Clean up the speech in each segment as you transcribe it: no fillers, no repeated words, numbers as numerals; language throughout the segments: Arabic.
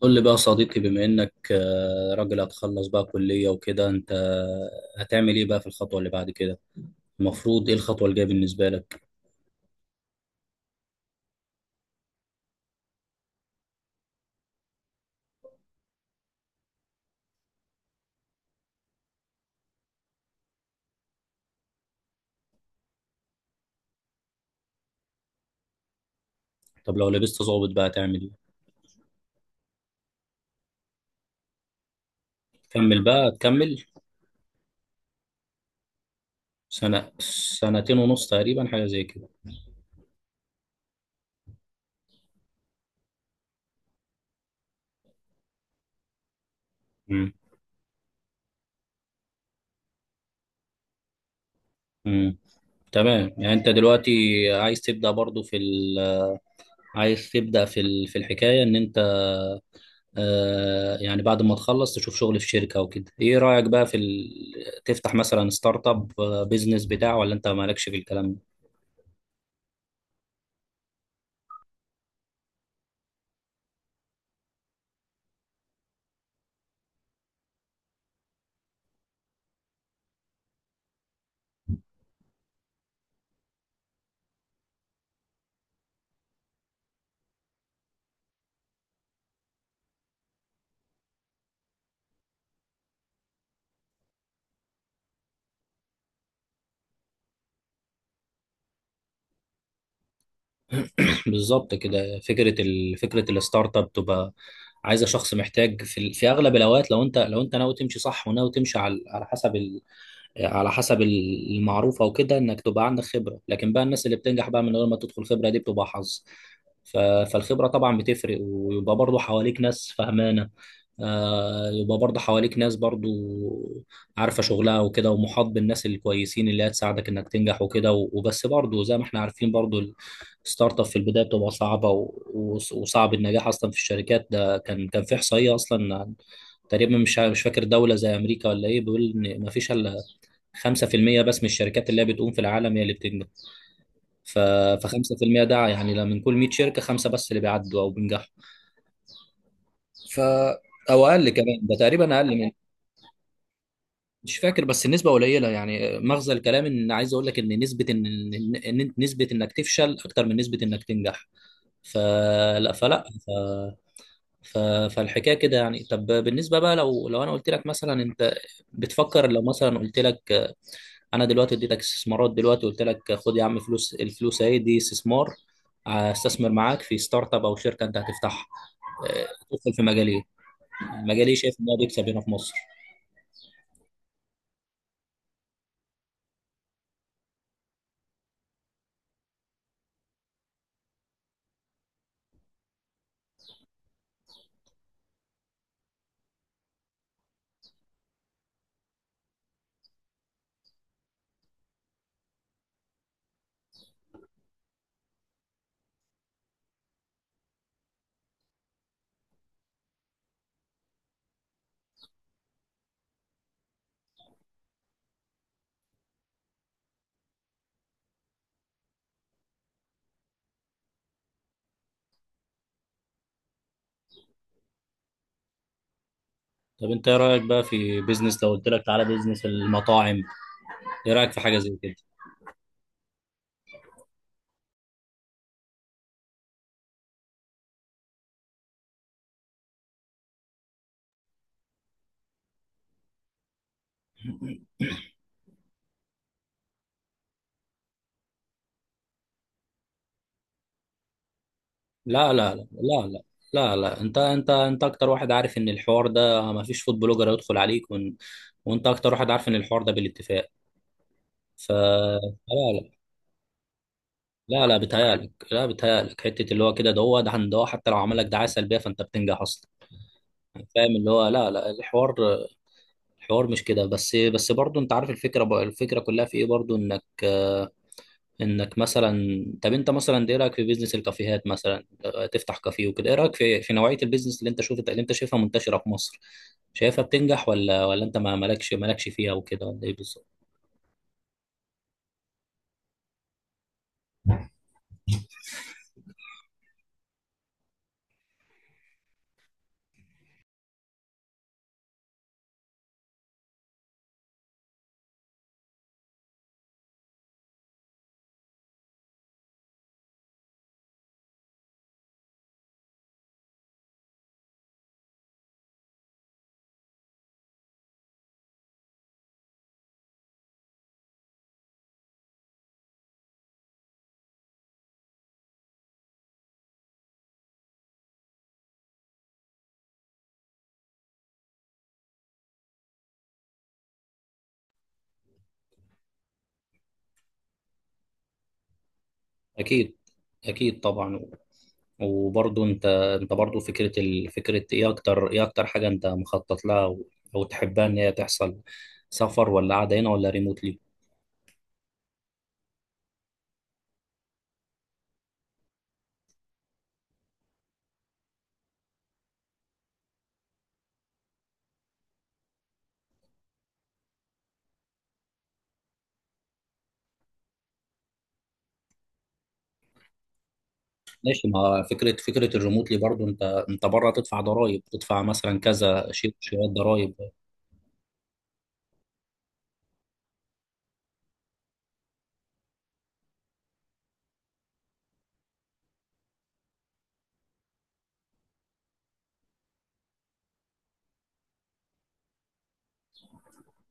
قول لي بقى يا صديقي، بما انك راجل هتخلص بقى كلية وكده، انت هتعمل ايه بقى في الخطوة اللي بعد كده؟ المفروض ايه الخطوة الجاية بالنسبة لك؟ طب لو لبست ضابط بقى هتعمل ايه؟ تكمل بقى، تكمل. سنة، سنتين ونص تقريبا، حاجة زي كده. امم امم تمام، يعني انت دلوقتي عايز تبدأ برضو في ال عايز تبدأ في ال- في الحكاية ان انت يعني بعد ما تخلص تشوف شغل في شركة او كده. ايه رأيك بقى في تفتح مثلا ستارت اب، بيزنس بتاع، ولا انت مالكش في الكلام ده؟ بالظبط كده. فكره الستارت اب تبقى عايزه شخص محتاج في، في اغلب الاوقات لو انت لو انت ناوي تمشي صح وناوي تمشي على حسب، على حسب المعروفة وكده، انك تبقى عندك خبرة. لكن بقى الناس اللي بتنجح بقى من غير ما تدخل، خبرة دي بتبقى حظ. فالخبرة طبعا بتفرق، ويبقى برضو حواليك ناس فهمانة، يبقى برضو حواليك ناس برضو عارفة شغلها وكده، ومحاط بالناس الكويسين اللي هتساعدك انك تنجح وكده. وبس برضو زي ما احنا عارفين برضو، الستارت اب في البداية بتبقى صعبة، وصعب النجاح اصلا في الشركات. ده كان في احصائية اصلا، تقريبا مش فاكر، دولة زي امريكا ولا ايه، بيقول ان مفيش الا 5% بس من الشركات اللي هي بتقوم في العالم هي اللي بتنجح. ف، ف 5% ده يعني، لا، من كل 100 شركه خمسه بس اللي بيعدوا او بينجحوا. ف، او اقل كمان، ده تقريبا اقل من، مش فاكر، بس النسبه قليله. يعني مغزى الكلام، ان عايز اقول لك ان نسبه ان، إن نسبه انك تفشل اكتر من نسبه انك تنجح. فلا فلا ف... ف... فالحكايه كده يعني. طب بالنسبه بقى، لو انا قلت لك مثلا، انت بتفكر، لو مثلا قلت لك انا دلوقتي اديتك استثمارات دلوقتي، قلت لك خد يا عم، فلوس، الفلوس اهي دي استثمار، استثمر معاك في ستارت اب او شركه انت هتفتحها، تدخل في مجال ايه؟ مجال ايه شايف ان هو بيكسب هنا في مصر؟ طب انت ايه رايك بقى في بيزنس، لو قلت لك تعالى بيزنس المطاعم، ايه رايك في حاجه زي كده؟ لا. لا, انت انت اكتر واحد عارف ان الحوار ده ما فيش فود بلوجر هيدخل عليك، وانت اكتر واحد عارف ان الحوار ده بالاتفاق. ف، لا لا, لا بيتهيألك، لا بيتهيألك. حتة اللي هو كده، ده هو ده عند هو، حتى لو عملك دعاية سلبية فأنت بتنجح أصلا، يعني، فاهم؟ اللي هو لا، لا، الحوار، الحوار مش كده. بس بس برضه أنت عارف الفكرة بقى، الفكرة كلها في إيه برضه؟ إنك إنك مثلا، طب أنت مثلا إيه رأيك في بيزنس الكافيهات مثلا؟ تفتح كافيه وكده، إيه رأيك في نوعية البيزنس اللي أنت شفت، اللي أنت شايفها منتشرة في مصر؟ شايفها بتنجح، ولا أنت ما مالكش فيها وكده، ولا إيه بالظبط؟ أكيد. أكيد طبعا. وبرضه انت، برضه فكره فكره ايه؟ اكتر، ايه اكتر حاجه انت مخطط لها او، أو تحبها ان هي تحصل؟ سفر، ولا قاعده هنا، ولا ريموتلي؟ ماشي. ما فكره، فكره الريموتلي برضه، انت بره تدفع ضرائب، تدفع مثلا كذا شيء، شويه ضرائب.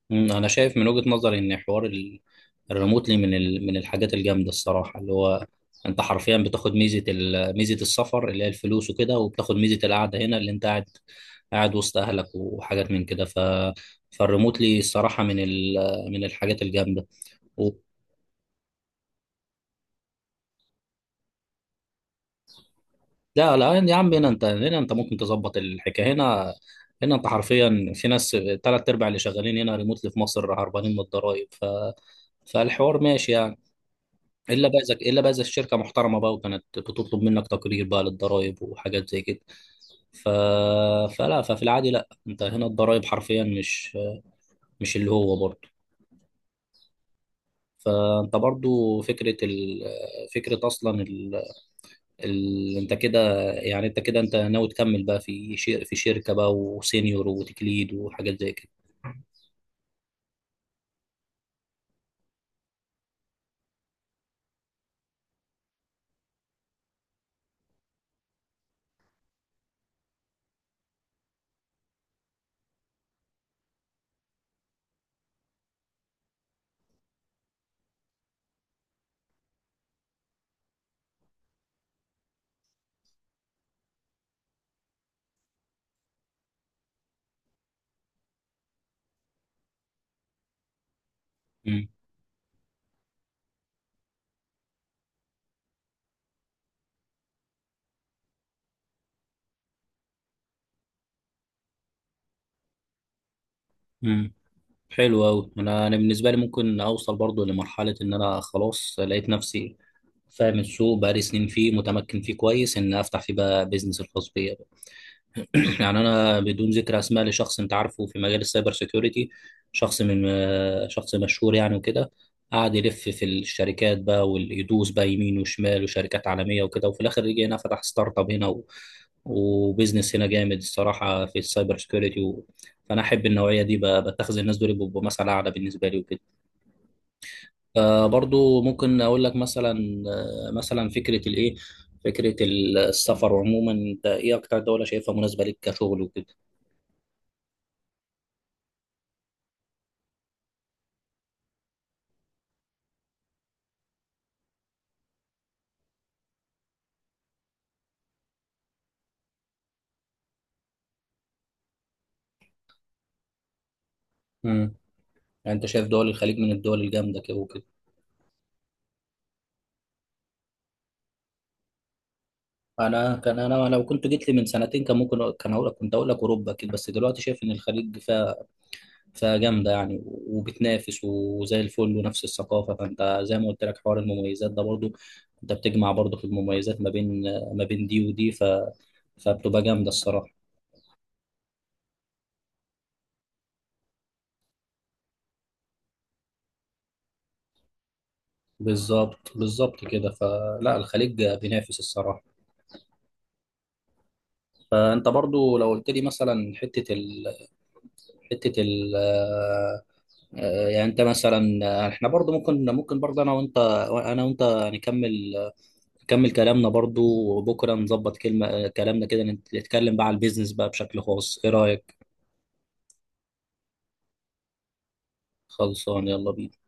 مم، انا شايف من وجهة نظري ان حوار الريموتلي من من الحاجات الجامده الصراحه، اللي هو انت حرفيا بتاخد ميزه ميزه السفر اللي هي الفلوس وكده، وبتاخد ميزه القعده هنا اللي انت قاعد وسط اهلك وحاجات من كده. ف، فالريموتلي الصراحه من من الحاجات الجامده. و... لا, يعني يا عم، هنا انت، هنا انت ممكن تظبط الحكايه هنا. هنا انت حرفيا في ناس، تلات ارباع اللي شغالين هنا ريموتلي في مصر هربانين من الضرايب. ف، فالحوار ماشي يعني. الا بقى اذا، الشركه محترمه بقى وكانت بتطلب منك تقرير بقى للضرائب وحاجات زي كده. ف... فلا، ففي العادي لا، انت هنا الضرائب حرفيا مش، مش اللي هو برضه. فانت برضه فكره فكره اصلا انت كده، يعني انت كده، انت ناوي تكمل بقى في في شركه بقى، وسينيور وتكليد وحاجات زي كده. امم امم حلو قوي. انا، بالنسبه لي ممكن اوصل برضه لمرحله ان انا خلاص لقيت نفسي فاهم السوق، بقالي سنين فيه، متمكن فيه كويس، ان افتح فيه بقى بيزنس الخاص بيا بقى. يعني انا بدون ذكر اسماء، لشخص انت عارفه في مجال السايبر سيكيورتي، شخص من، شخص مشهور يعني وكده، قعد يلف في الشركات بقى، ويدوس بقى يمين وشمال وشركات عالميه وكده، وفي الاخر رجع هنا فتح ستارت اب هنا، و... وبيزنس هنا جامد الصراحه في السايبر سيكيورتي. و... فانا احب النوعيه دي بقى. بتخذ الناس دول بيبقوا مثل اعلى بالنسبه لي وكده. برضو ممكن اقول لك مثلا، مثلا فكره الايه، فكره السفر عموما، انت ايه اكتر دوله شايفها مناسبه ليك كشغل وكده؟ امم يعني انت شايف دول الخليج من الدول الجامده كده وكده. انا كان، انا لو كنت جيت لي من سنتين كان هقول لك، كنت هقول لك اوروبا كده. بس دلوقتي شايف ان الخليج فيها جامده يعني، وبتنافس وزي الفل، ونفس الثقافه. فانت زي ما قلت لك، حوار المميزات ده برضو، انت بتجمع برضو في المميزات ما بين، ما بين دي ودي. ف، فبتبقى جامده الصراحه. بالظبط، كده. فلا، الخليج بينافس الصراحه. فانت برضو لو قلت لي مثلا، حته ال... حته ال... آه، آه، يعني انت مثلا، احنا برضو ممكن، برضو انا وانت، انا وانت نكمل، نكمل كلامنا برضو. وبكره نظبط كلمه، كلامنا كده، نتكلم بقى على البيزنس بقى بشكل خاص. ايه رايك؟ خلصان، يلا بينا.